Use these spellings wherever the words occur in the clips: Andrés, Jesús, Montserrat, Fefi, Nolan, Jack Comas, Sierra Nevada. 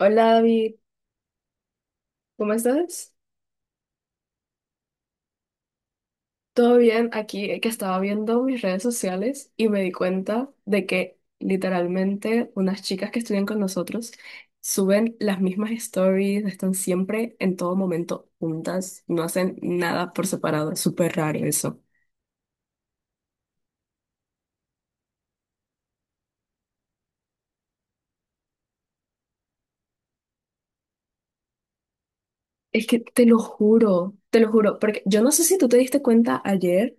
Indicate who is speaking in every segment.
Speaker 1: Hola David, ¿cómo estás? ¿Todo bien? Aquí que estaba viendo mis redes sociales y me di cuenta de que literalmente unas chicas que estudian con nosotros suben las mismas stories, están siempre en todo momento juntas, no hacen nada por separado, es súper raro eso. Es que te lo juro, porque yo no sé si tú te diste cuenta ayer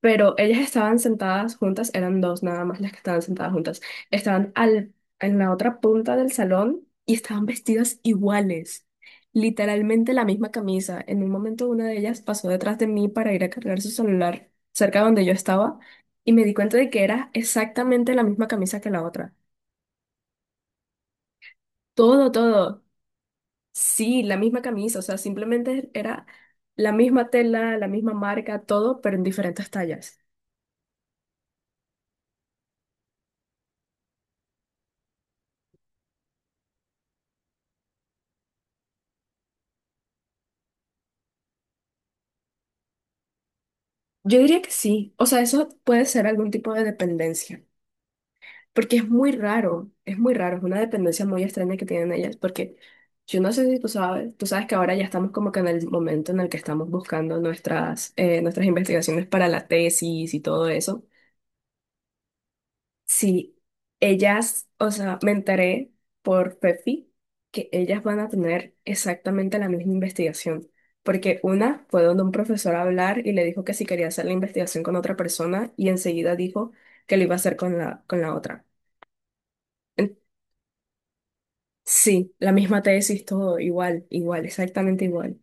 Speaker 1: pero ellas estaban sentadas juntas, eran dos nada más las que estaban sentadas juntas, estaban al, en la otra punta del salón y estaban vestidas iguales, literalmente la misma camisa. En un momento una de ellas pasó detrás de mí para ir a cargar su celular cerca donde yo estaba y me di cuenta de que era exactamente la misma camisa que la otra. Todo, todo. Sí, la misma camisa, o sea, simplemente era la misma tela, la misma marca, todo, pero en diferentes tallas. Yo diría que sí. O sea, eso puede ser algún tipo de dependencia, porque es muy raro, es muy raro, es una dependencia muy extraña que tienen ellas, porque yo no sé si tú sabes, tú sabes que ahora ya estamos como que en el momento en el que estamos buscando nuestras, nuestras investigaciones para la tesis y todo eso. Sí, ellas, o sea, me enteré por Pepi que ellas van a tener exactamente la misma investigación, porque una fue donde un profesor a hablar y le dijo que si quería hacer la investigación con otra persona y enseguida dijo que lo iba a hacer con la otra. En- Sí, la misma tesis, todo igual, igual, exactamente igual.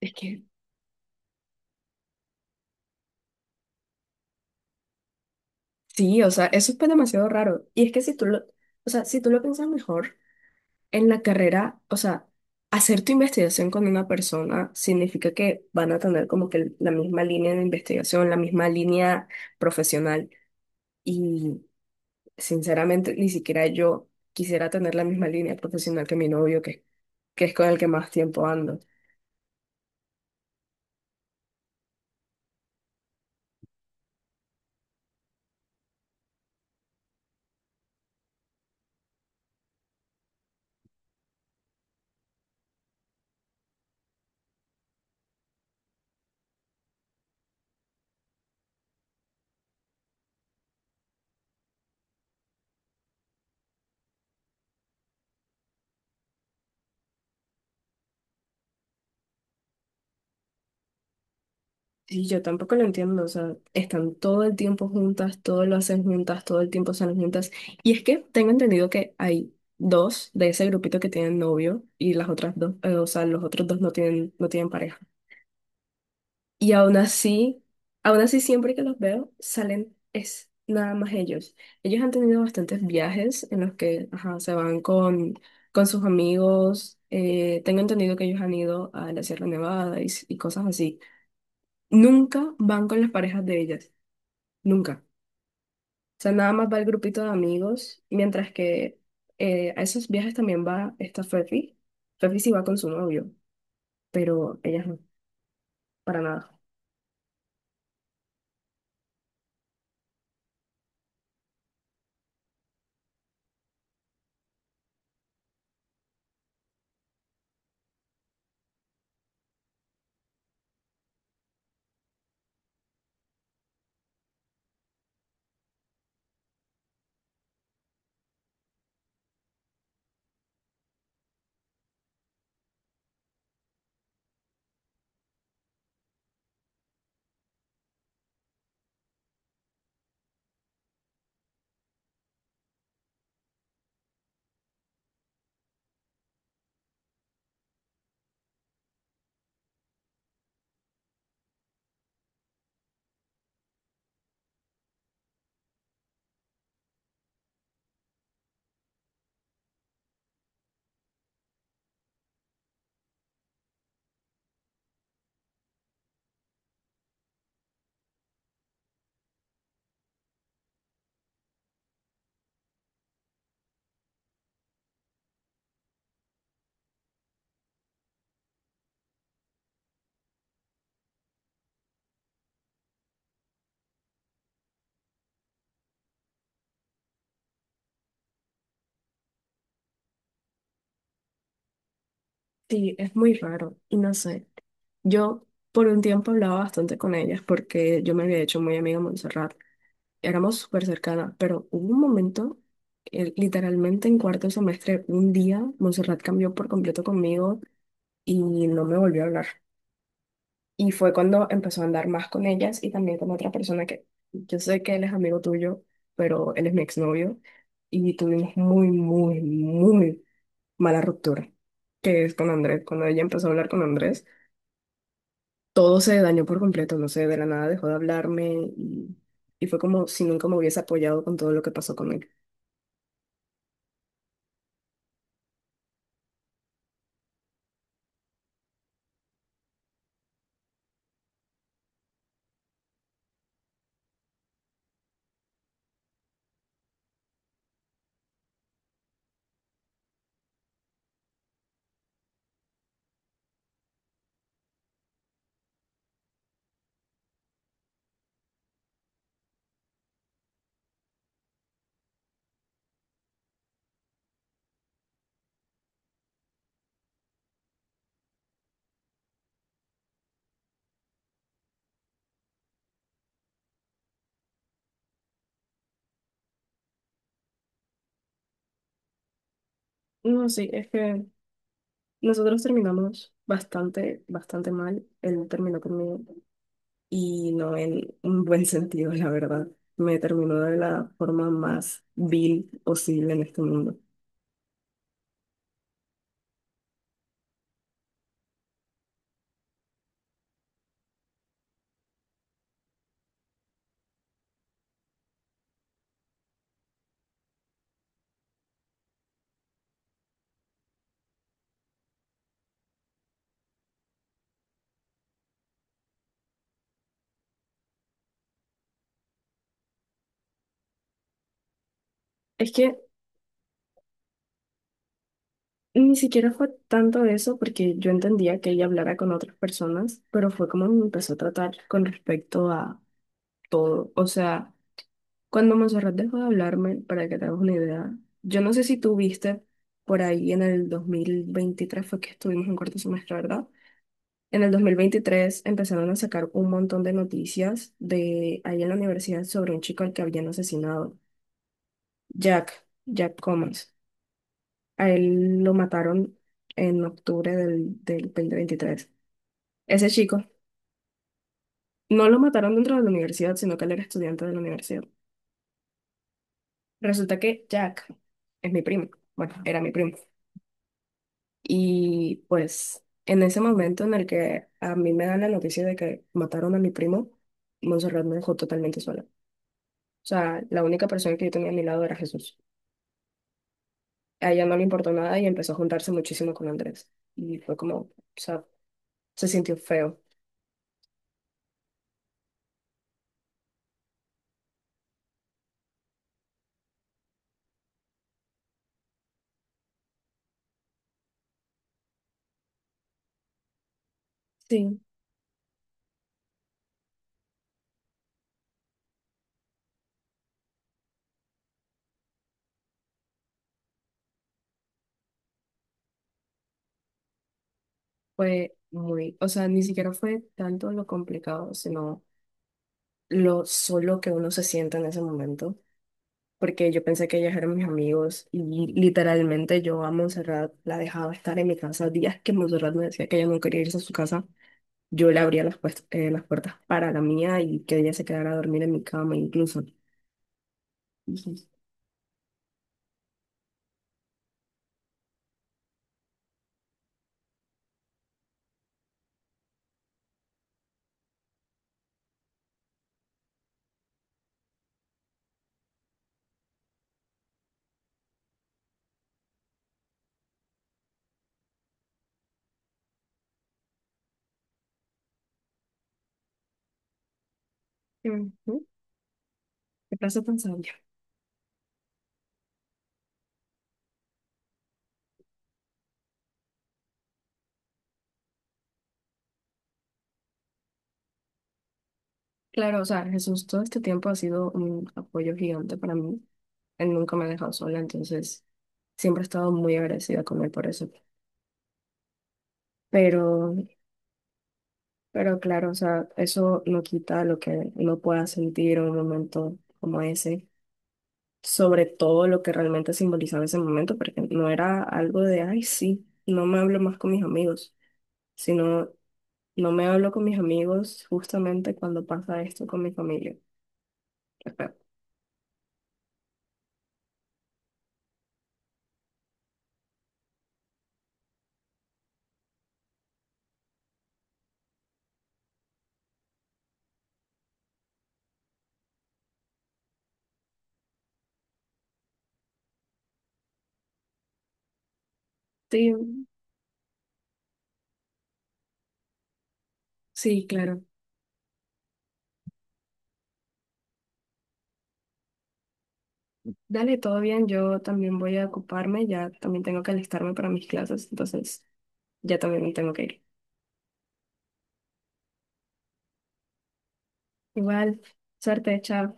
Speaker 1: Es que sí, o sea, eso es pues demasiado raro. Y es que si tú lo, o sea, si tú lo piensas mejor en la carrera, o sea, hacer tu investigación con una persona significa que van a tener como que la misma línea de investigación, la misma línea profesional. Y sinceramente, ni siquiera yo quisiera tener la misma línea profesional que mi novio, que es con el que más tiempo ando. Y yo tampoco lo entiendo, o sea, están todo el tiempo juntas, todo lo hacen juntas, todo el tiempo salen juntas. Y es que tengo entendido que hay dos de ese grupito que tienen novio y las otras dos, o sea, los otros dos no tienen, no tienen pareja. Y aún así siempre que los veo, salen es nada más ellos. Ellos han tenido bastantes viajes en los que, ajá, con sus amigos. Tengo entendido que ellos han ido a la Sierra Nevada y cosas así. Nunca van con las parejas de ellas. Nunca. O sea, nada más va el grupito de amigos, mientras que a esos viajes también va esta Fefi. Fefi sí va con su novio, pero ellas no, para nada. Sí, es muy raro y no sé. Yo por un tiempo hablaba bastante con ellas porque yo me había hecho muy amiga de Montserrat. Éramos súper cercanas, pero hubo un momento, literalmente en cuarto semestre, un día, Montserrat cambió por completo conmigo y no me volvió a hablar. Y fue cuando empezó a andar más con ellas y también con otra persona que yo sé que él es amigo tuyo, pero él es mi exnovio. Y tuvimos muy, muy, muy mala ruptura, que es con Andrés. Cuando ella empezó a hablar con Andrés, todo se dañó por completo. No sé, de la nada dejó de hablarme, y fue como si nunca me hubiese apoyado con todo lo que pasó con él. No, sí, es que nosotros terminamos bastante, bastante mal. Él terminó conmigo y no en un buen sentido, la verdad. Me terminó de la forma más vil posible en este mundo. Es que ni siquiera fue tanto eso, porque yo entendía que ella hablara con otras personas, pero fue como me empezó a tratar con respecto a todo. O sea, cuando Monserrat dejó de hablarme, para que te hagas una idea, yo no sé si tú viste por ahí en el 2023 fue que estuvimos en cuarto semestre, ¿verdad? En el 2023 empezaron a sacar un montón de noticias de ahí en la universidad sobre un chico al que habían asesinado, Jack, Jack Comas. A él lo mataron en octubre del 2023. Ese chico no lo mataron dentro de la universidad, sino que él era estudiante de la universidad. Resulta que Jack es mi primo. Bueno, era mi primo. Y pues en ese momento en el que a mí me dan la noticia de que mataron a mi primo, Montserrat me dejó totalmente sola. O sea, la única persona que yo tenía a mi lado era Jesús. A ella no le importó nada y empezó a juntarse muchísimo con Andrés. Y fue como, o sea, se sintió feo. Sí, fue muy, o sea, ni siquiera fue tanto lo complicado, sino lo solo que uno se siente en ese momento. Porque yo pensé que ellas eran mis amigos y literalmente yo a Montserrat la dejaba estar en mi casa. Días que Montserrat me decía que ella no quería irse a su casa, yo le abría las puertas para la mía y que ella se quedara a dormir en mi cama incluso. Ujú. Qué frase tan sabia. Claro, o sea, Jesús todo este tiempo ha sido un apoyo gigante para mí. Él nunca me ha dejado sola, entonces siempre he estado muy agradecida con él por eso. Pero, pero claro, o sea, eso no quita lo que uno pueda sentir en un momento como ese, sobre todo lo que realmente simbolizaba ese momento, porque no era algo de, ay, sí, no me hablo más con mis amigos, sino no me hablo con mis amigos justamente cuando pasa esto con mi familia. Qué feo. Sí, sí, claro. Dale, todo bien. Yo también voy a ocuparme. Ya también tengo que alistarme para mis clases. Entonces, ya también me tengo que ir. Igual, suerte, chao.